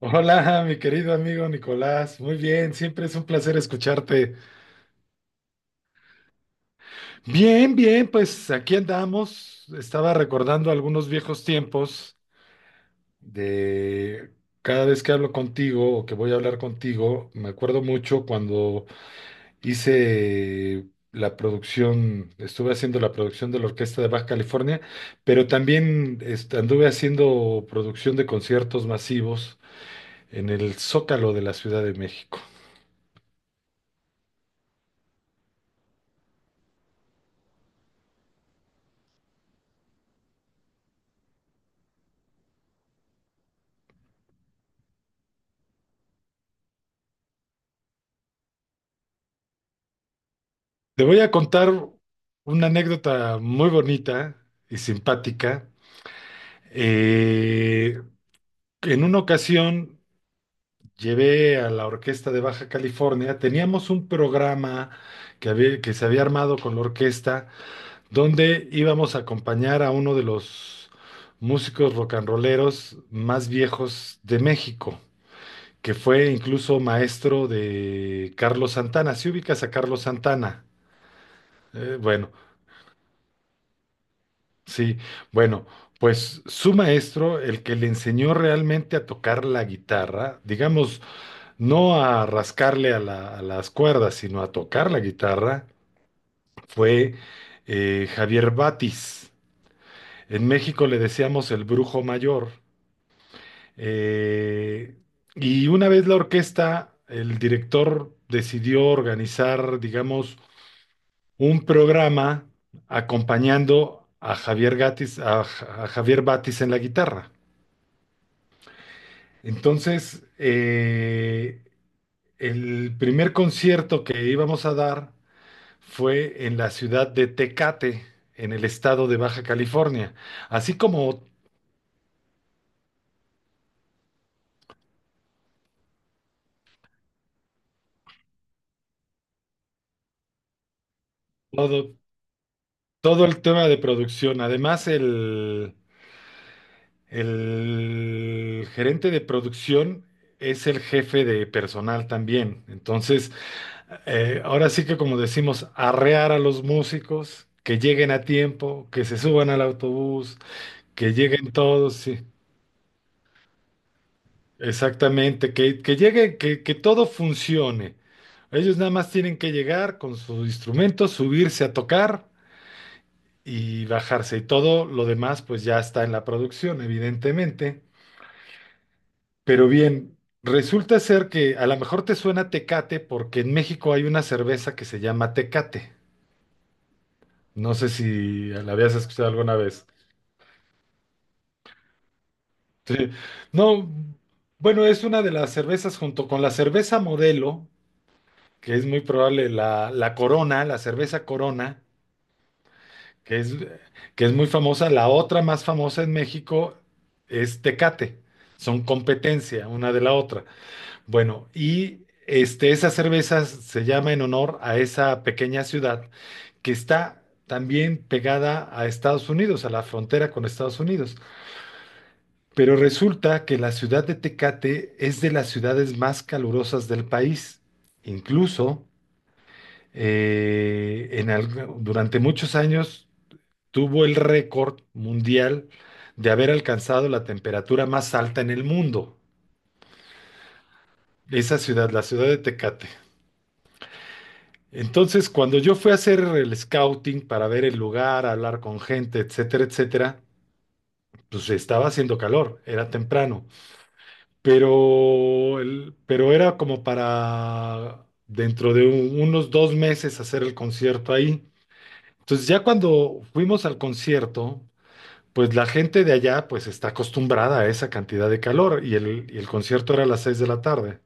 Hola, mi querido amigo Nicolás. Muy bien, siempre es un placer escucharte. Bien, bien, pues aquí andamos. Estaba recordando algunos viejos tiempos de cada vez que hablo contigo o que voy a hablar contigo, me acuerdo mucho cuando hice la producción, estuve haciendo la producción de la Orquesta de Baja California, pero también anduve haciendo producción de conciertos masivos en el Zócalo de la Ciudad de México. Te voy a contar una anécdota muy bonita y simpática. Eh, en una ocasión llevé a la Orquesta de Baja California, teníamos un programa que se había armado con la orquesta, donde íbamos a acompañar a uno de los músicos rock and rolleros más viejos de México, que fue incluso maestro de Carlos Santana. Si ubicas a Carlos Santana, bueno. Sí, bueno, pues su maestro, el que le enseñó realmente a tocar la guitarra, digamos, no a rascarle a a las cuerdas, sino a tocar la guitarra, fue Javier Batis. En México le decíamos el brujo mayor. Eh, y una vez la orquesta, el director decidió organizar, digamos, un programa acompañando a Javier Gatis, a Javier Batis en la guitarra. Entonces, el primer concierto que íbamos a dar fue en la ciudad de Tecate, en el estado de Baja California, así como todo, todo el tema de producción. Además, el gerente de producción es el jefe de personal también. Entonces, ahora sí que como decimos, arrear a los músicos, que lleguen a tiempo, que se suban al autobús, que lleguen todos, sí. Exactamente, que todo funcione. Ellos nada más tienen que llegar con su instrumento, subirse a tocar y bajarse. Y todo lo demás pues ya está en la producción, evidentemente. Pero bien, resulta ser que a lo mejor te suena Tecate porque en México hay una cerveza que se llama Tecate. No sé si la habías escuchado alguna vez. Sí. No, bueno, es una de las cervezas junto con la cerveza modelo, que es muy probable la Corona, la cerveza Corona, que es, que es muy famosa. La otra más famosa en México es Tecate. Son competencia una de la otra. Bueno, y este, esa cerveza se llama en honor a esa pequeña ciudad que está también pegada a Estados Unidos, a la frontera con Estados Unidos. Pero resulta que la ciudad de Tecate es de las ciudades más calurosas del país. Incluso durante muchos años tuvo el récord mundial de haber alcanzado la temperatura más alta en el mundo, esa ciudad, la ciudad de Tecate. Entonces, cuando yo fui a hacer el scouting para ver el lugar, hablar con gente, etcétera, etcétera, pues estaba haciendo calor, era temprano, pero era como para dentro de unos 2 meses hacer el concierto ahí. Entonces, ya cuando fuimos al concierto, pues la gente de allá pues está acostumbrada a esa cantidad de calor y y el concierto era a las 6 de la tarde.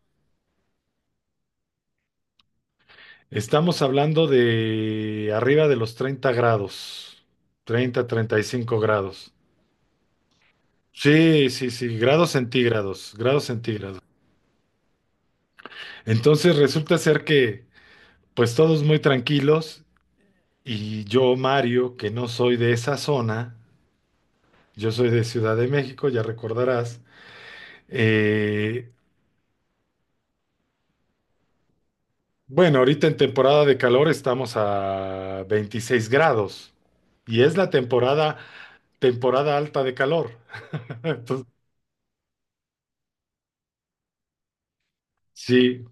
Estamos hablando de arriba de los 30 grados, 35 grados. Sí, sí, sí, grados centígrados, grados centígrados. Entonces resulta ser que pues todos muy tranquilos y yo, Mario, que no soy de esa zona, yo soy de Ciudad de México, ya recordarás. eh, Bueno, ahorita en temporada de calor estamos a 26 grados y es la temporada alta de calor. Entonces, sí,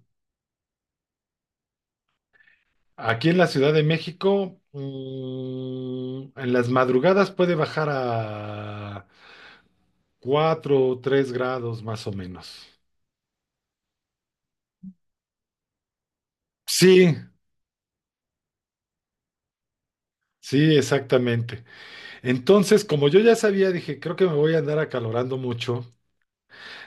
aquí en la Ciudad de México, en las madrugadas puede bajar a 4 o 3 grados más o menos. Sí, sí, exactamente. Entonces, como yo ya sabía, dije, creo que me voy a andar acalorando mucho.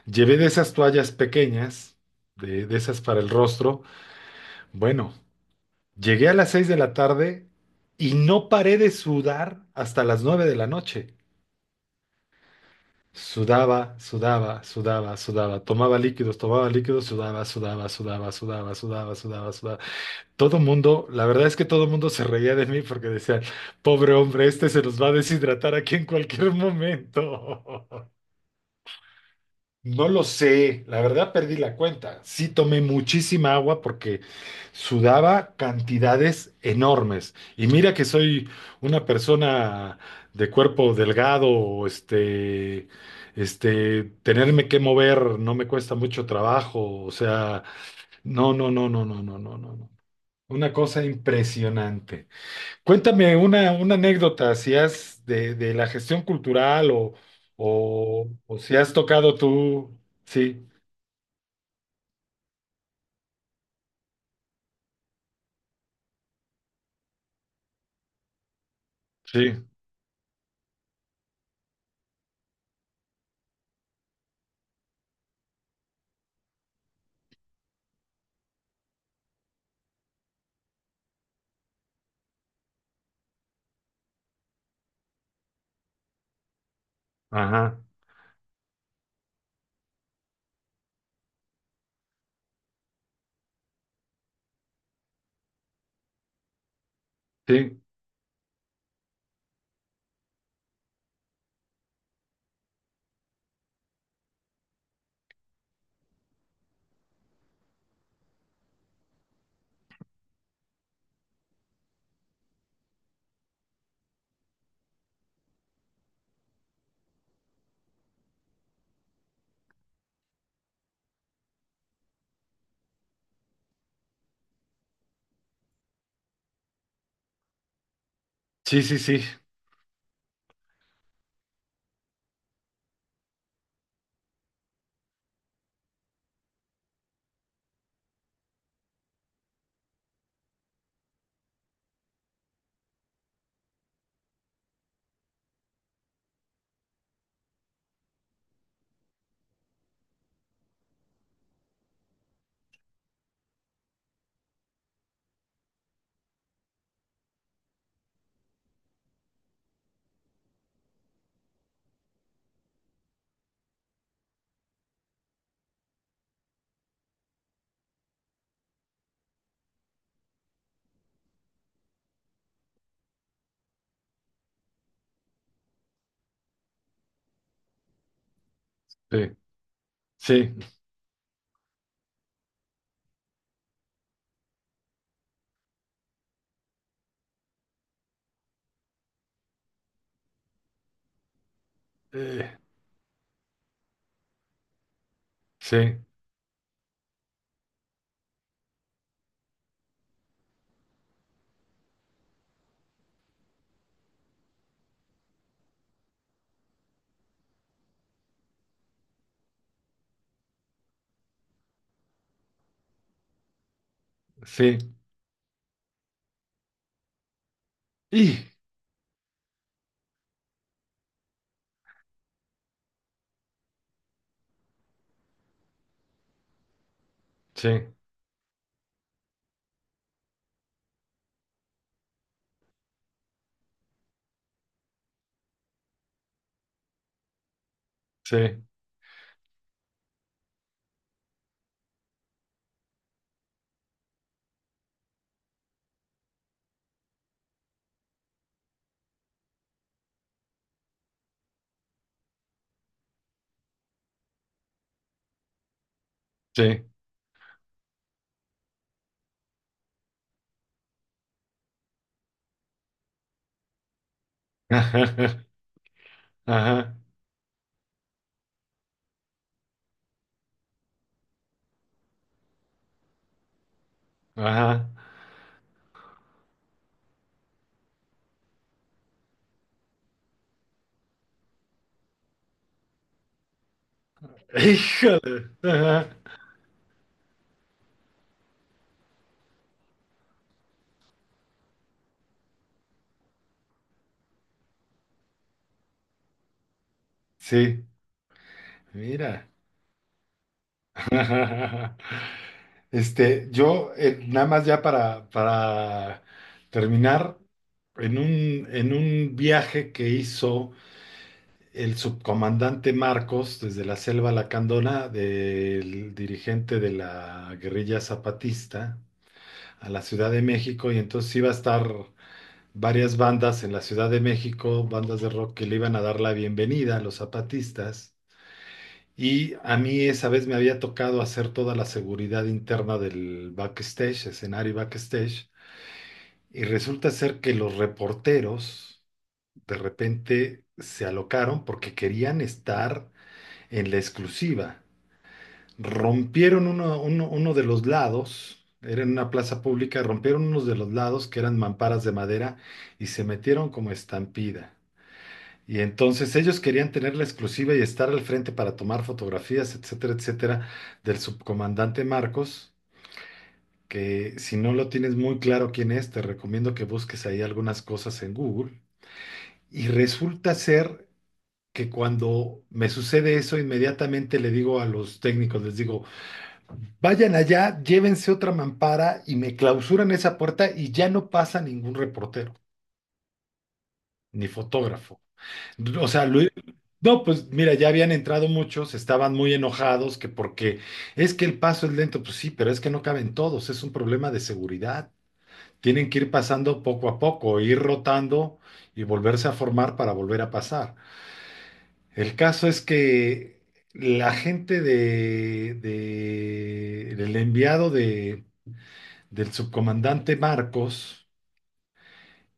Llevé de esas toallas pequeñas, de esas para el rostro. Bueno. Llegué a las 6 de la tarde y no paré de sudar hasta las 9 de la noche. Sudaba, sudaba, sudaba, sudaba. Tomaba líquidos, sudaba, sudaba, sudaba, sudaba, sudaba, sudaba, sudaba. Todo mundo, la verdad es que todo mundo se reía de mí porque decían, pobre hombre, este se nos va a deshidratar aquí en cualquier momento. No lo sé, la verdad perdí la cuenta. Sí tomé muchísima agua porque sudaba cantidades enormes. Y mira que soy una persona de cuerpo delgado, este, tenerme que mover no me cuesta mucho trabajo. O sea, no, no, no, no, no, no, no, no, no. Una cosa impresionante. Cuéntame una anécdota, si has de la gestión cultural o, o si has tocado tú. Sí. Sí, ajá, sí, sí, sí, sí, sí, sí, eh, sí, sí, y, sí, sí, sí, ajá, ajá, ajá, ij, ajá, sí, mira, este, yo, nada más ya para terminar, en un viaje que hizo el subcomandante Marcos desde la Selva Lacandona, del dirigente de la guerrilla zapatista, a la Ciudad de México, y entonces iba a estar varias bandas en la Ciudad de México, bandas de rock que le iban a dar la bienvenida a los zapatistas. Y a mí esa vez me había tocado hacer toda la seguridad interna del backstage, escenario y backstage, y resulta ser que los reporteros de repente se alocaron porque querían estar en la exclusiva. Rompieron uno de los lados, era en una plaza pública, rompieron unos de los lados que eran mamparas de madera y se metieron como estampida. Y entonces ellos querían tener la exclusiva y estar al frente para tomar fotografías, etcétera, etcétera, del subcomandante Marcos, que si no lo tienes muy claro quién es, te recomiendo que busques ahí algunas cosas en Google. Y resulta ser que cuando me sucede eso, inmediatamente le digo a los técnicos, les digo, vayan allá, llévense otra mampara y me clausuran esa puerta y ya no pasa ningún reportero ni fotógrafo. O sea, no, pues mira, ya habían entrado muchos, estaban muy enojados que porque es que el paso es lento, pues sí, pero es que no caben todos, es un problema de seguridad. Tienen que ir pasando poco a poco, ir rotando y volverse a formar para volver a pasar. El caso es que la gente de- del enviado de del subcomandante Marcos,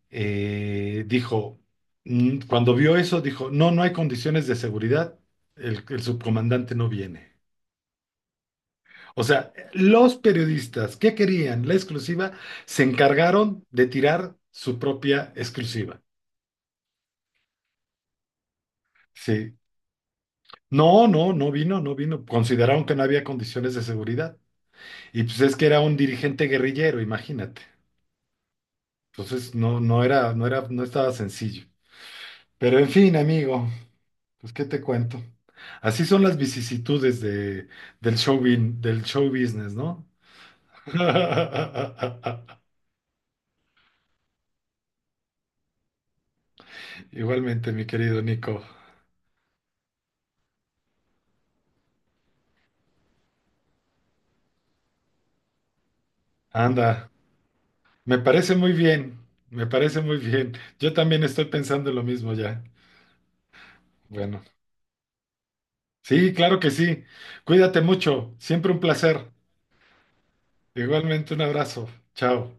dijo, cuando vio eso, dijo, no, no hay condiciones de seguridad, el subcomandante no viene. O sea, los periodistas que querían la exclusiva se encargaron de tirar su propia exclusiva. Sí. No, no, no vino, no vino. Consideraron que no había condiciones de seguridad. Y pues es que era un dirigente guerrillero, imagínate. Entonces no, no era, no era, no estaba sencillo. Pero en fin, amigo, pues, ¿qué te cuento? Así son las vicisitudes de, del show, bin- del show business, ¿no? Igualmente, mi querido Nico. Anda, me parece muy bien, me parece muy bien. Yo también estoy pensando en lo mismo ya. Bueno, sí, claro que sí. Cuídate mucho, siempre un placer. Igualmente, un abrazo. Chao.